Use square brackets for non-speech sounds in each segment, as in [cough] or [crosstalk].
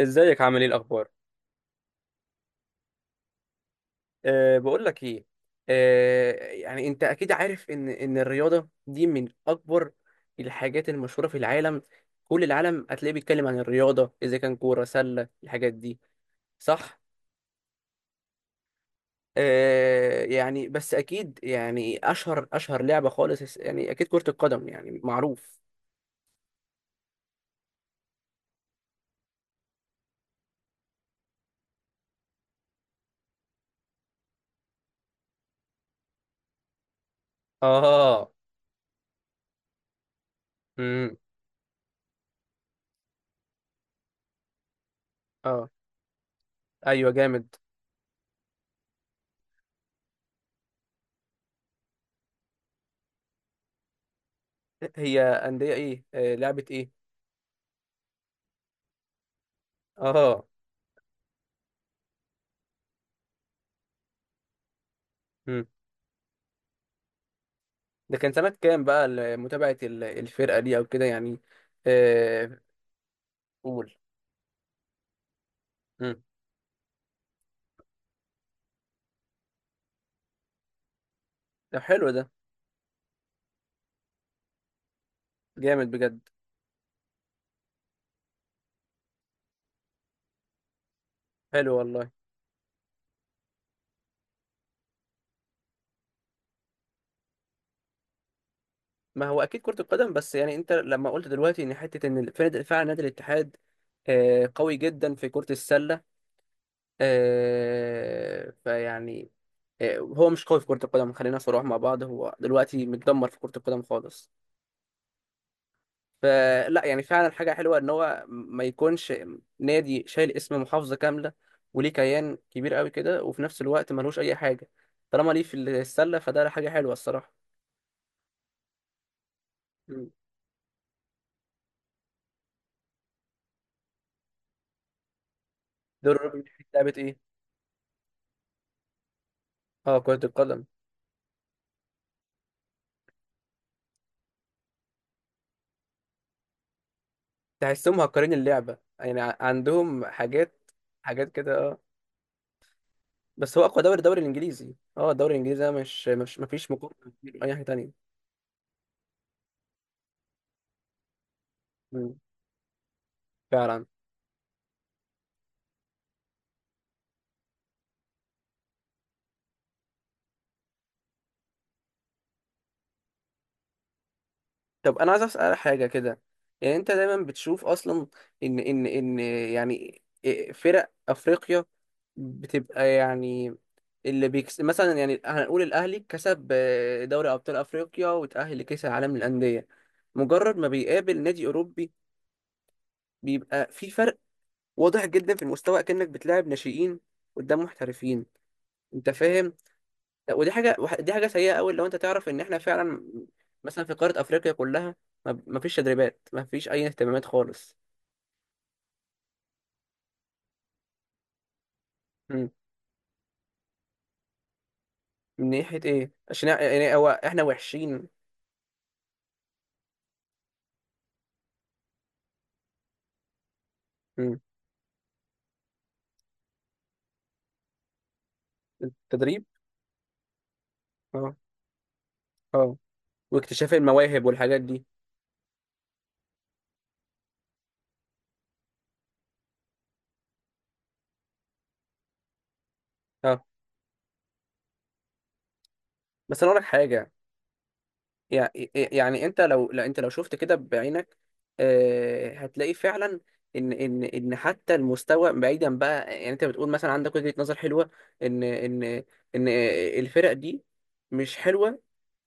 ازيك؟ عامل ايه؟ الاخبار؟ بقول لك ايه. يعني انت اكيد عارف ان الرياضه دي من اكبر الحاجات المشهوره في العالم. كل العالم هتلاقيه بيتكلم عن الرياضه، اذا كان كوره سله، الحاجات دي. صح. يعني بس اكيد يعني اشهر لعبه خالص يعني اكيد كره القدم، يعني معروف. اه. امم اه. ايوه جامد. هي انديه ايه؟ لعبه ايه؟ اه، ده كان سنة كام بقى متابعة الفرقة دي أو كده يعني؟ آه، قول. مم. طب حلو ده. جامد بجد. حلو والله. ما هو أكيد كرة القدم، بس يعني أنت لما قلت دلوقتي إن حتة إن فعلا نادي الاتحاد قوي جدا في كرة السلة. فيعني هو مش قوي في كرة القدم. خلينا صراحة مع بعض، هو دلوقتي متدمر في كرة القدم خالص. فلا، يعني فعلا حاجة حلوة إن هو ما يكونش نادي شايل اسم محافظة كاملة وليه كيان كبير قوي كده، وفي نفس الوقت ملهوش أي حاجة. طالما ليه في السلة فده حاجة حلوة الصراحة. مم. دور الربع في لعبة إيه؟ كرة القدم. تحسهم مهكرين اللعبة يعني، عندهم حاجات، حاجات كده، أه. بس هو أقوى دوري، الدوري الإنجليزي. الدوري الإنجليزي ده، مش مفيش مقارنة كتير أي حاجة تانية. مم. فعلا. طب انا عايز اسال حاجه كده. يعني انت دايما بتشوف اصلا ان يعني فرق افريقيا بتبقى يعني، اللي بيكس مثلا، يعني هنقول الاهلي كسب دوري ابطال افريقيا وتاهل لكاس العالم للانديه. مجرد ما بيقابل نادي اوروبي، بيبقى في فرق واضح جدا في المستوى، كأنك بتلاعب ناشئين قدام محترفين. انت فاهم؟ لا ودي حاجه، دي حاجه سيئه قوي لو انت تعرف ان احنا فعلا مثلا في قاره افريقيا كلها ما فيش تدريبات، ما فيش اي اهتمامات خالص. مم. من ناحيه ايه؟ عشان يعني هو احنا وحشين؟ مم. التدريب. اه. اه، واكتشاف المواهب والحاجات دي. اه. بس انا اقول لك حاجه. يع- يعني انت لو، لا انت لو شفت كده بعينك هتلاقي فعلا ان حتى المستوى بعيدا بقى، يعني انت بتقول مثلا عندك وجهة نظر حلوة ان ان الفرق دي مش حلوة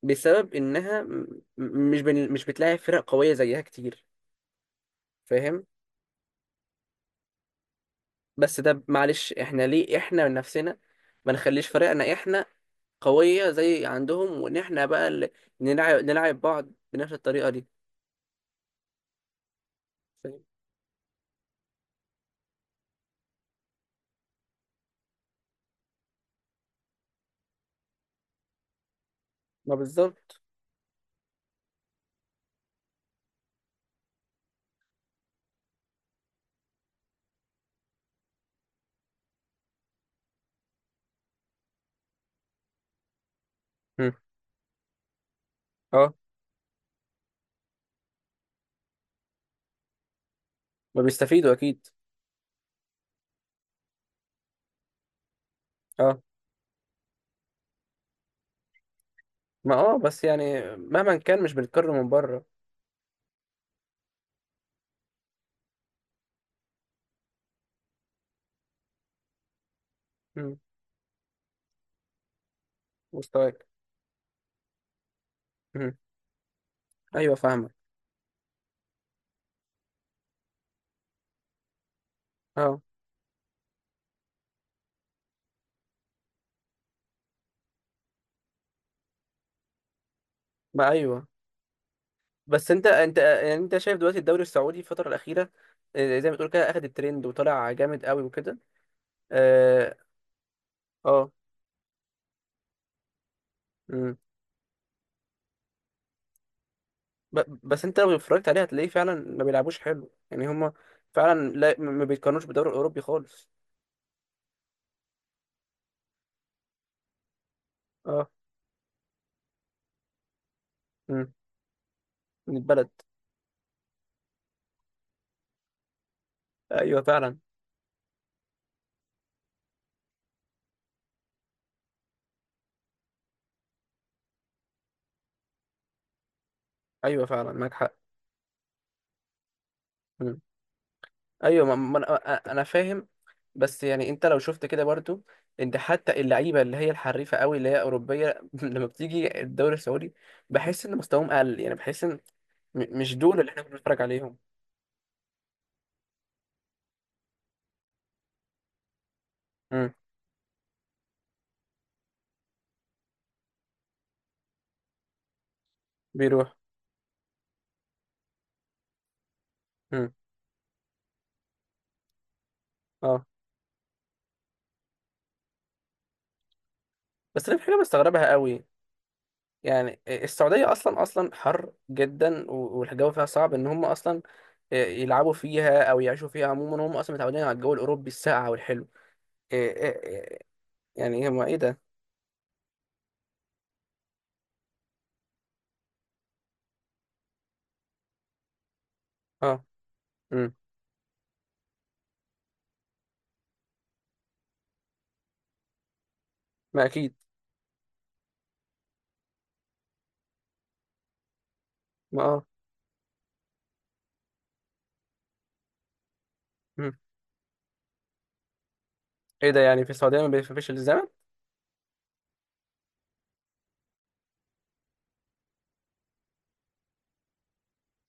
بسبب انها مش بتلاقي فرق قوية زيها كتير. فاهم؟ بس ده معلش، احنا ليه احنا من نفسنا ما نخليش فرقنا احنا قوية زي عندهم، وان احنا بقى اللي نلعب بعض بنفس الطريقة دي. فاهم؟ ما بالظبط. اه. ما بيستفيدوا اكيد. اه. ما اه، بس يعني مهما كان مش بنتكرر من بره. مم. مستواك. مم. ايوه فاهمك. اه. ما ايوه. بس انت، انت يعني انت شايف دلوقتي الدوري السعودي الفتره الاخيره زي ما تقول كده اخد الترند وطلع جامد قوي وكده. اه. اه. مم. بس انت لو اتفرجت عليه هتلاقيه فعلا ما بيلعبوش حلو، يعني هما فعلا، لا ما بيتقارنوش بالدوري الاوروبي خالص. اه. مم. من البلد. ايوه فعلا. ايوه فعلا، معاك حق. مم. ايوه، انا، فاهم. بس يعني انت لو شفت كده برضو، انت حتى اللعيبه اللي هي الحريفه قوي، اللي هي اوروبيه [laughs] لما بتيجي الدوري السعودي بحس ان مستواهم اقل، يعني بحس ان مش دول اللي احنا كنا بنتفرج عليهم. امم. بيروح. امم. اه. بس انا في حاجه مستغربها قوي. يعني السعوديه اصلا حر جدا والجو فيها صعب، ان هم اصلا يلعبوا فيها او يعيشوا فيها. عموما هم اصلا متعودين على الجو الاوروبي الساقع والحلو. إيه- إيه- إيه، يعني هم ايه ده؟ اه. امم. ما اكيد. ما اه. امم. ايه ده، يعني في السعوديه ما بيفرقش الزمن؟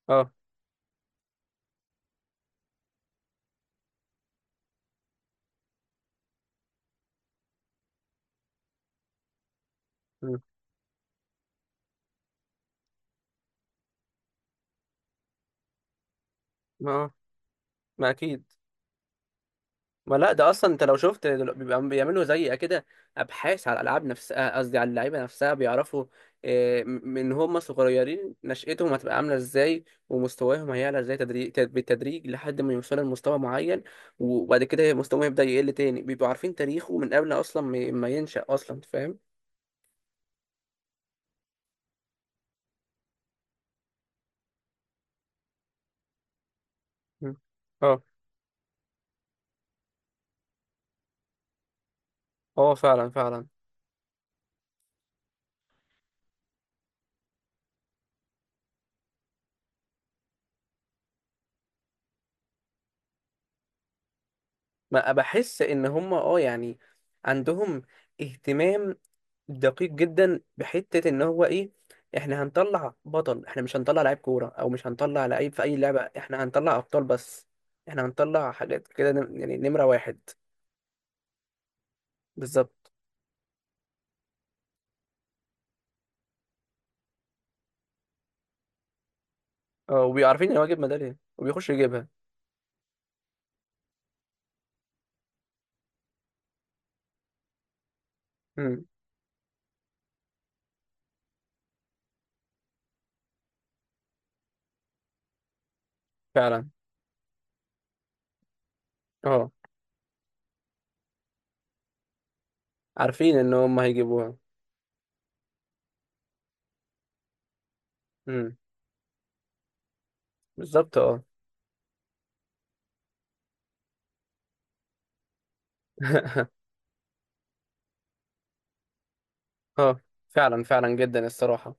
اه. مم. ما آه. ما اكيد. ما لا، ده اصلا انت لو شفت بيبقى بيعملوا زي كده ابحاث على الالعاب نفسها، قصدي على اللعيبه نفسها. بيعرفوا من هم صغيرين، نشأتهم هتبقى عامله ازاي، ومستواهم هيعلى ازاي، تدريج، بالتدريج لحد ما يوصلوا لمستوى معين، وبعد كده مستواهم يبدأ يقل تاني. بيبقوا عارفين تاريخه من قبل اصلا ما ينشأ اصلا. فاهم؟ مم. اه. اه، فعلا فعلا. ما بحس ان هم اه يعني عندهم اهتمام دقيق جدا بحته، ان هو ايه، احنا هنطلع بطل، احنا مش هنطلع لعيب كوره او مش هنطلع لعيب في اي لعبه، احنا هنطلع ابطال بس. احنا هنطلع حاجات كده، يعني نمره واحد. بالظبط. اه، وبيعرفين ان هو يجيب ميداليه وبيخش يجيبها. امم. فعلا. اه. عارفين ان هم هيجيبوها. امم. بالظبط، اه. [laughs] اه، فعلا فعلا جدا الصراحه.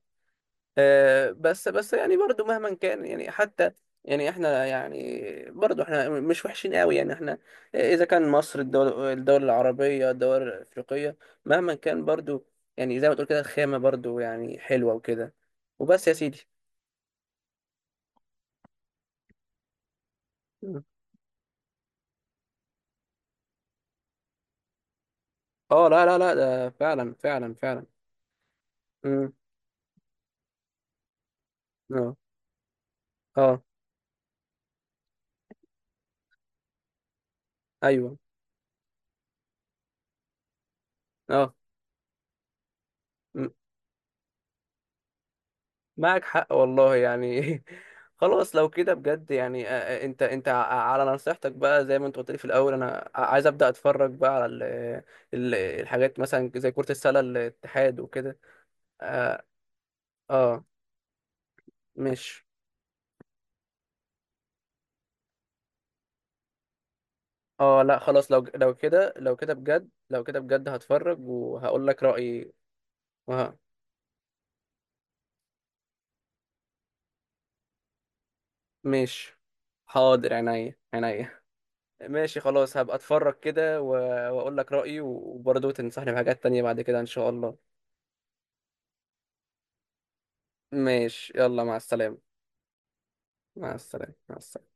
بس يعني برضو مهما كان، يعني حتى يعني احنا يعني برضو احنا مش وحشين قوي، يعني احنا اذا كان مصر، الدول، الدول العربية، الدول الافريقية، مهما كان برضو، يعني زي ما تقول كده الخامة برضو يعني حلوة وكده، وبس يا سيدي. مم. اه. لا لا لا، ده فعلا فعلا فعلا. امم. اه. اه. ايوه. اه. معك حق والله يعني. [laughs] خلاص لو كده بجد، يعني انت، انت على نصيحتك بقى، زي ما انت قلت لي في الاول، انا عايز ابدا اتفرج بقى على ال الحاجات مثلا زي كرة السلة الاتحاد وكده. اه. آه، مش اه، لا خلاص، لو لو كده، لو كده بجد، لو كده بجد هتفرج وهقول لك رأيي. وه- مش، حاضر، عينيا عينيا. ماشي خلاص، هبقى اتفرج كده واقول لك رأيي، وبرضه تنصحني بحاجات تانية بعد كده ان شاء الله. ماشي، يلا مع السلامة. مع السلامة مع السلامة.